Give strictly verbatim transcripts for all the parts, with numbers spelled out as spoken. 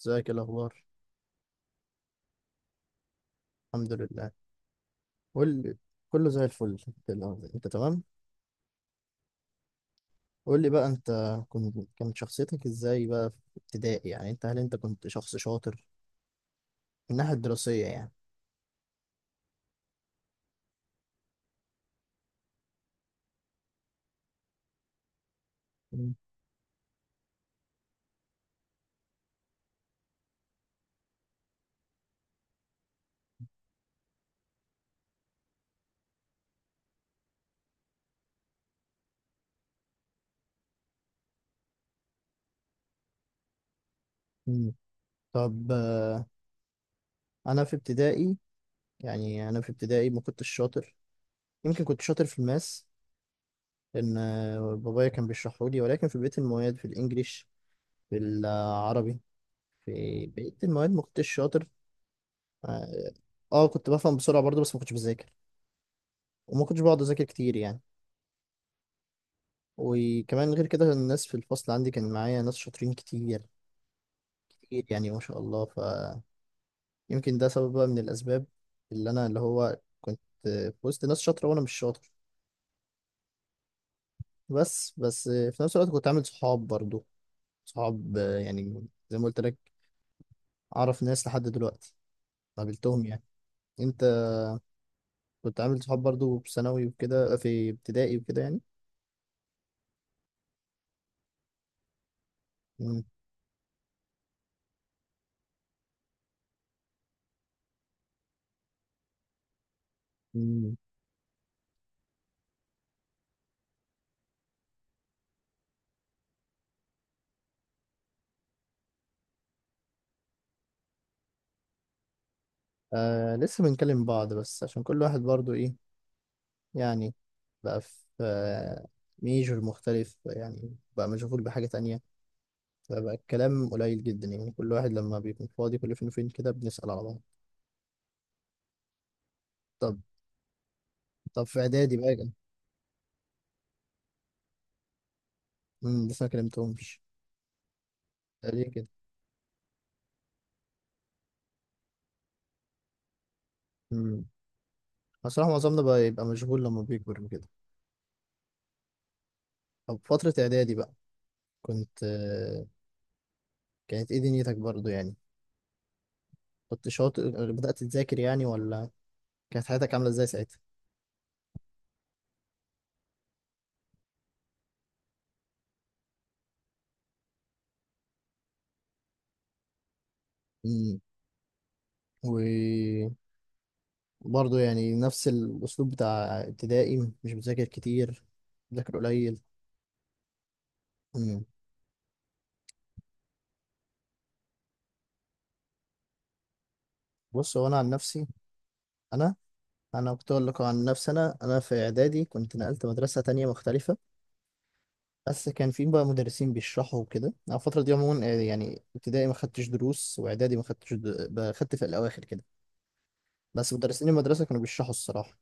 ازيك؟ إيه الاخبار؟ الحمد لله. قول لي، كله زي الفل. الأخبار، انت تمام؟ قول لي بقى انت. كنت كانت شخصيتك ازاي بقى في ابتدائي؟ يعني انت، هل انت كنت شخص شاطر من الناحية الدراسية يعني؟ مم. مم. طب، آه، انا في ابتدائي يعني انا في ابتدائي ما كنتش شاطر. يمكن كنت شاطر في الماس، لان آه، بابايا كان بيشرحه لي، ولكن في بقية المواد، في الانجليش، في العربي، في بقية المواد ما كنتش شاطر. اه آه، كنت بفهم بسرعة برضه، بس ما كنتش بذاكر، وما كنتش بقعد اذاكر كتير يعني. وكمان غير كده الناس في الفصل عندي، كان معايا ناس شاطرين كتير، كتير يعني ما شاء الله. فيمكن ده سبب بقى من الأسباب، اللي أنا اللي هو كنت في وسط ناس شاطرة وأنا مش شاطر. بس بس في نفس الوقت كنت عامل صحاب برضو. صحاب يعني زي ما قلت لك، أعرف ناس لحد دلوقتي قابلتهم يعني. أنت كنت عامل صحاب برضو في ثانوي وكده، في ابتدائي وكده يعني. مم. مم. آه لسه بنكلم بعض، بس عشان كل واحد برضو إيه يعني، بقى في آه، ميجور مختلف، يعني بقى مشغول بحاجة تانية. فبقى الكلام قليل جدا، يعني كل واحد لما بيكون فاضي كل فين وفين كده بنسأل على بعض. طب طب في إعدادي بقى. امم لسه ما كلمتهمش. ده ليه كده؟ امم بصراحة معظمنا بقى يبقى مشغول لما بيكبر وكده. طب فترة إعدادي بقى، كنت آه، كانت إيه دنيتك برضو يعني؟ كنت شاطر، بدأت تذاكر يعني ولا؟ كانت حياتك عاملة إزاي ساعتها؟ امم برضه يعني نفس الأسلوب بتاع ابتدائي، مش بذاكر كتير، بذاكر قليل. مم. بص، هو أنا عن نفسي، أنا أنا كنت أقول لك عن نفسي. أنا أنا في إعدادي كنت نقلت مدرسة تانية مختلفة. بس كان في بقى مدرسين بيشرحوا وكده. أنا الفترة دي عموما آه، يعني ابتدائي ما خدتش دروس، وإعدادي ما خدتش د- ب- خدت في الأواخر كده. بس مدرسين المدرسة كانوا بيشرحوا الصراحة.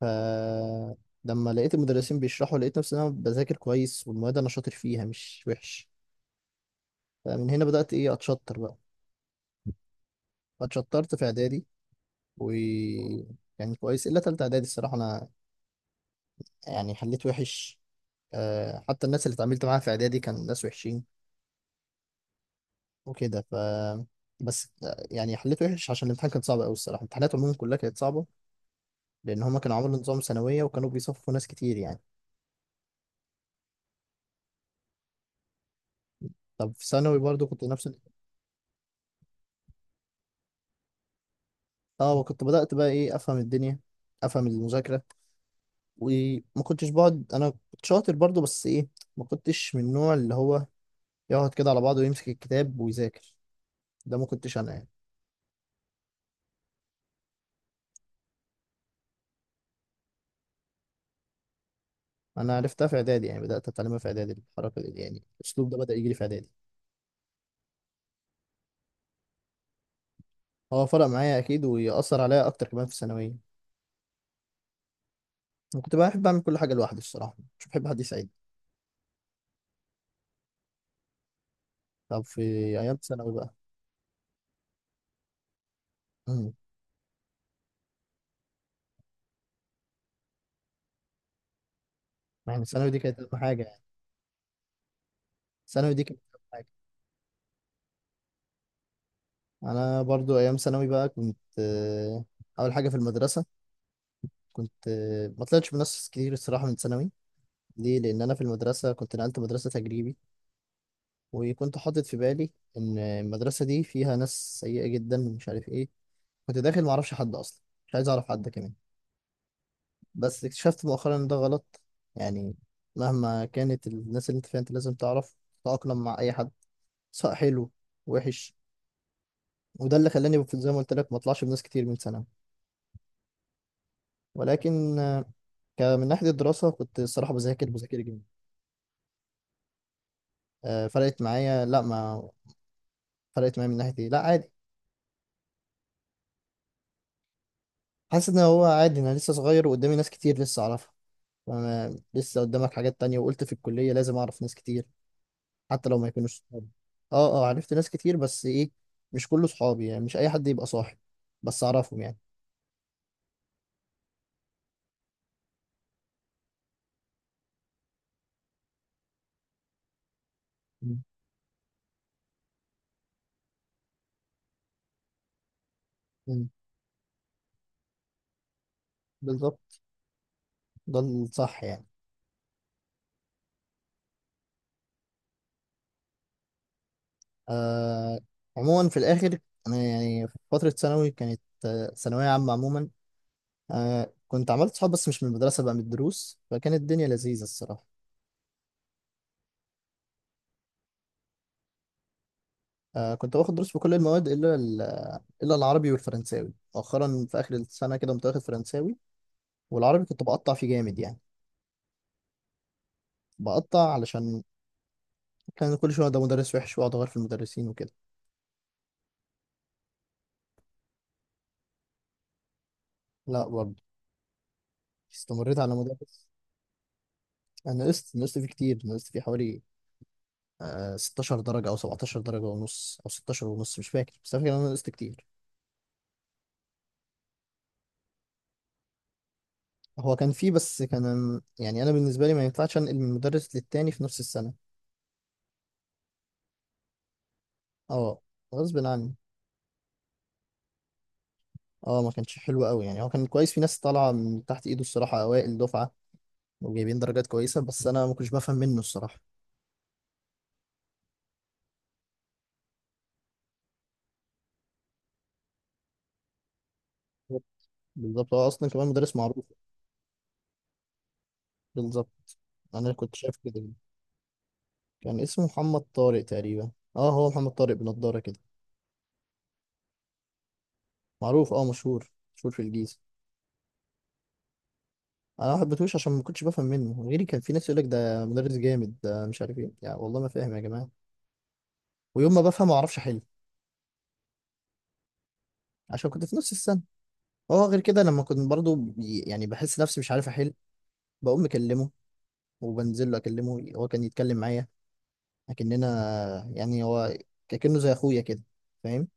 ف لما لقيت المدرسين بيشرحوا، لقيت نفسي إن أنا بذاكر كويس والمواد أنا شاطر فيها مش وحش. فمن هنا بدأت إيه أتشطر بقى. اتشطرت في اعدادي، و يعني كويس الا تالتة اعدادي الصراحه، انا يعني حليت وحش. أه حتى الناس اللي اتعاملت معاها في اعدادي كان ناس وحشين وكده. ف بس آه، يعني حليت وحش عشان الامتحان كان صعب قوي الصراحه. امتحانات عموما كلها كانت صعبه، لان هما كانوا عملوا نظام ثانويه وكانوا بيصفوا ناس كتير يعني. طب في ثانوي برضو كنت نفس ال- اه وكنت بدات بقى ايه افهم الدنيا، افهم المذاكره. وما كنتش بقعد، انا كنت شاطر برضو بس ايه، ما كنتش من النوع اللي هو يقعد كده على بعضه ويمسك الكتاب ويذاكر، ده ما كنتش انا يعني. انا عرفتها في اعدادي يعني، بدات اتعلمها في اعدادي الحركه دي، يعني الاسلوب ده بدا يجي لي في اعدادي. هو فرق معايا اكيد، ويأثر عليا اكتر كمان في الثانويه. انا كنت بحب اعمل كل حاجه لوحدي الصراحه، مش بحب حد يساعدني. طب في ايام ثانوي بقى، امم يعني الثانوي دي كانت اهم حاجه يعني. الثانوي دي كانت اهم حاجه. انا برضو ايام ثانوي بقى، كنت آه، اول حاجه في المدرسه، كنت آه، ما طلعتش بناس كتير الصراحه من ثانوي. ليه؟ لان انا في المدرسه كنت نقلت مدرسه تجريبي، وكنت حاطط في بالي ان المدرسه دي فيها ناس سيئه جدا ومش عارف ايه. كنت داخل ما اعرفش حد اصلا، مش عايز اعرف حد كمان. بس اكتشفت مؤخرا ان ده غلط، يعني مهما كانت الناس اللي انت فيها انت لازم تعرف تتاقلم مع اي حد، سواء حلو وحش. وده اللي خلاني في- زي ما قلت لك ما اطلعش بناس كتير من ثانوي. ولكن آه، ك- من ناحيه الدراسه كنت الصراحه بذاكر بذاكر جدا. آه، فرقت معايا، لا ما فرقت معايا من ناحيه ايه، لا عادي. حاسس ان هو عادي، انا لسه صغير وقدامي ناس كتير لسه اعرفها. فأنا لسه قدامك حاجات تانية، وقلت في الكلية لازم أعرف ناس كتير حتى لو ما يكونوش صحابي. أه، أه عرفت ناس كتير، بس إيه، مش كله صحابي يعني، مش أي حد يبقى صاحب، بس أعرفهم يعني. مم. مم. بالظبط، ده الصح يعني. آه عموما في الآخر، أنا يعني في فترة ثانوي كانت آه، ثانوية عامة عموما. آه كنت عملت صحاب بس مش من المدرسة بقى، من الدروس، فكانت الدنيا لذيذة الصراحة. آه كنت باخد دروس في كل المواد إلا ال- إلا العربي والفرنساوي. مؤخرا في آخر السنة كده كنت واخد فرنساوي، والعربي كنت بقطع فيه جامد يعني. بقطع علشان كان كل شويه ده مدرس وحش، واقعد اغير في المدرسين وكده. لا برضه استمريت على مدرس. انا نقصت نقصت فيه كتير، نقصت فيه حوالي آه ستاشر درجه او سبعتاشر درجه ونص، او ستاشر ونص مش فاكر، بس فاكر ان انا نقصت كتير. هو كان فيه بس كان يعني، انا بالنسبه لي ما ينفعش انقل من مدرس للتاني في نفس السنه. اه غصب عني. اه ما كانش حلو قوي يعني، هو كان كويس، في ناس طالعه من تحت ايده الصراحه، اوائل دفعه وجايبين درجات كويسه، بس انا ما كنتش بفهم منه الصراحه. بالظبط، هو اصلا كمان مدرس معروف. بالظبط، انا كنت شايف كده. كان اسمه محمد طارق تقريبا، اه هو محمد طارق بنضاره كده. معروف، اه مشهور، مشهور في الجيزه. انا ما حبيتهوش عشان ما كنتش بفهم منه. غيري كان في ناس يقول لك ده مدرس جامد ده مش عارف ايه، يعني والله ما فاهم يا جماعه، ويوم ما بفهم ما اعرفش احل. عشان كنت في نص السنه. هو غير كده، لما كنت برضو بي- يعني بحس نفسي مش عارف احل، بقوم مكلمه، وبنزل له اكلمه، هو كان يتكلم معايا اكننا يعني. هو كأنه زي اخويا كده، فاهم؟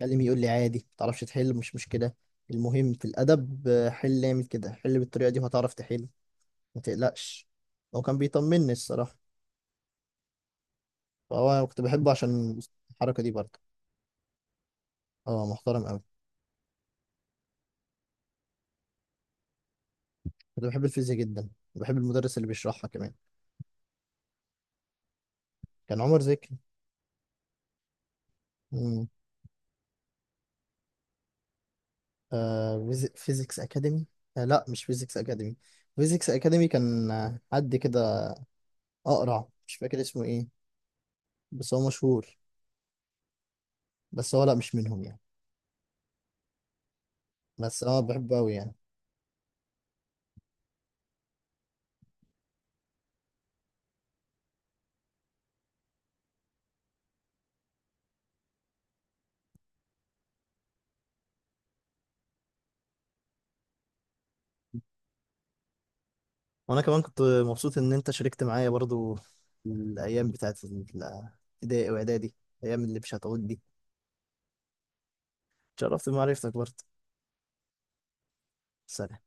اتكلم يقول لي عادي، متعرفش تحل مش مشكلة. المهم في الأدب آه، حل اعمل كده، حل بالطريقة دي وهتعرف تحل، ما تقلقش. هو كان بيطمني الصراحة. فهو كنت بحبه عشان الحركة دي برضه. اه محترم أوي. كنت بحب الفيزياء جدا، بحب المدرس اللي بيشرحها كمان. كان عمر زكي. مم. آه فيزيكس أكاديمي. آه لا مش فيزيكس أكاديمي. فيزيكس أكاديمي كان آه، حد كده، أقرع مش فاكر اسمه إيه، بس هو مشهور. بس هو لا مش منهم يعني. بس اه بحبه أوي يعني. وانا كمان كنت مبسوط ان انت شاركت معايا برضو، الايام بتاعت الابتدائي واعدادي، الايام اللي مش هتعود دي. اتشرفت بمعرفتك برضو. سلام.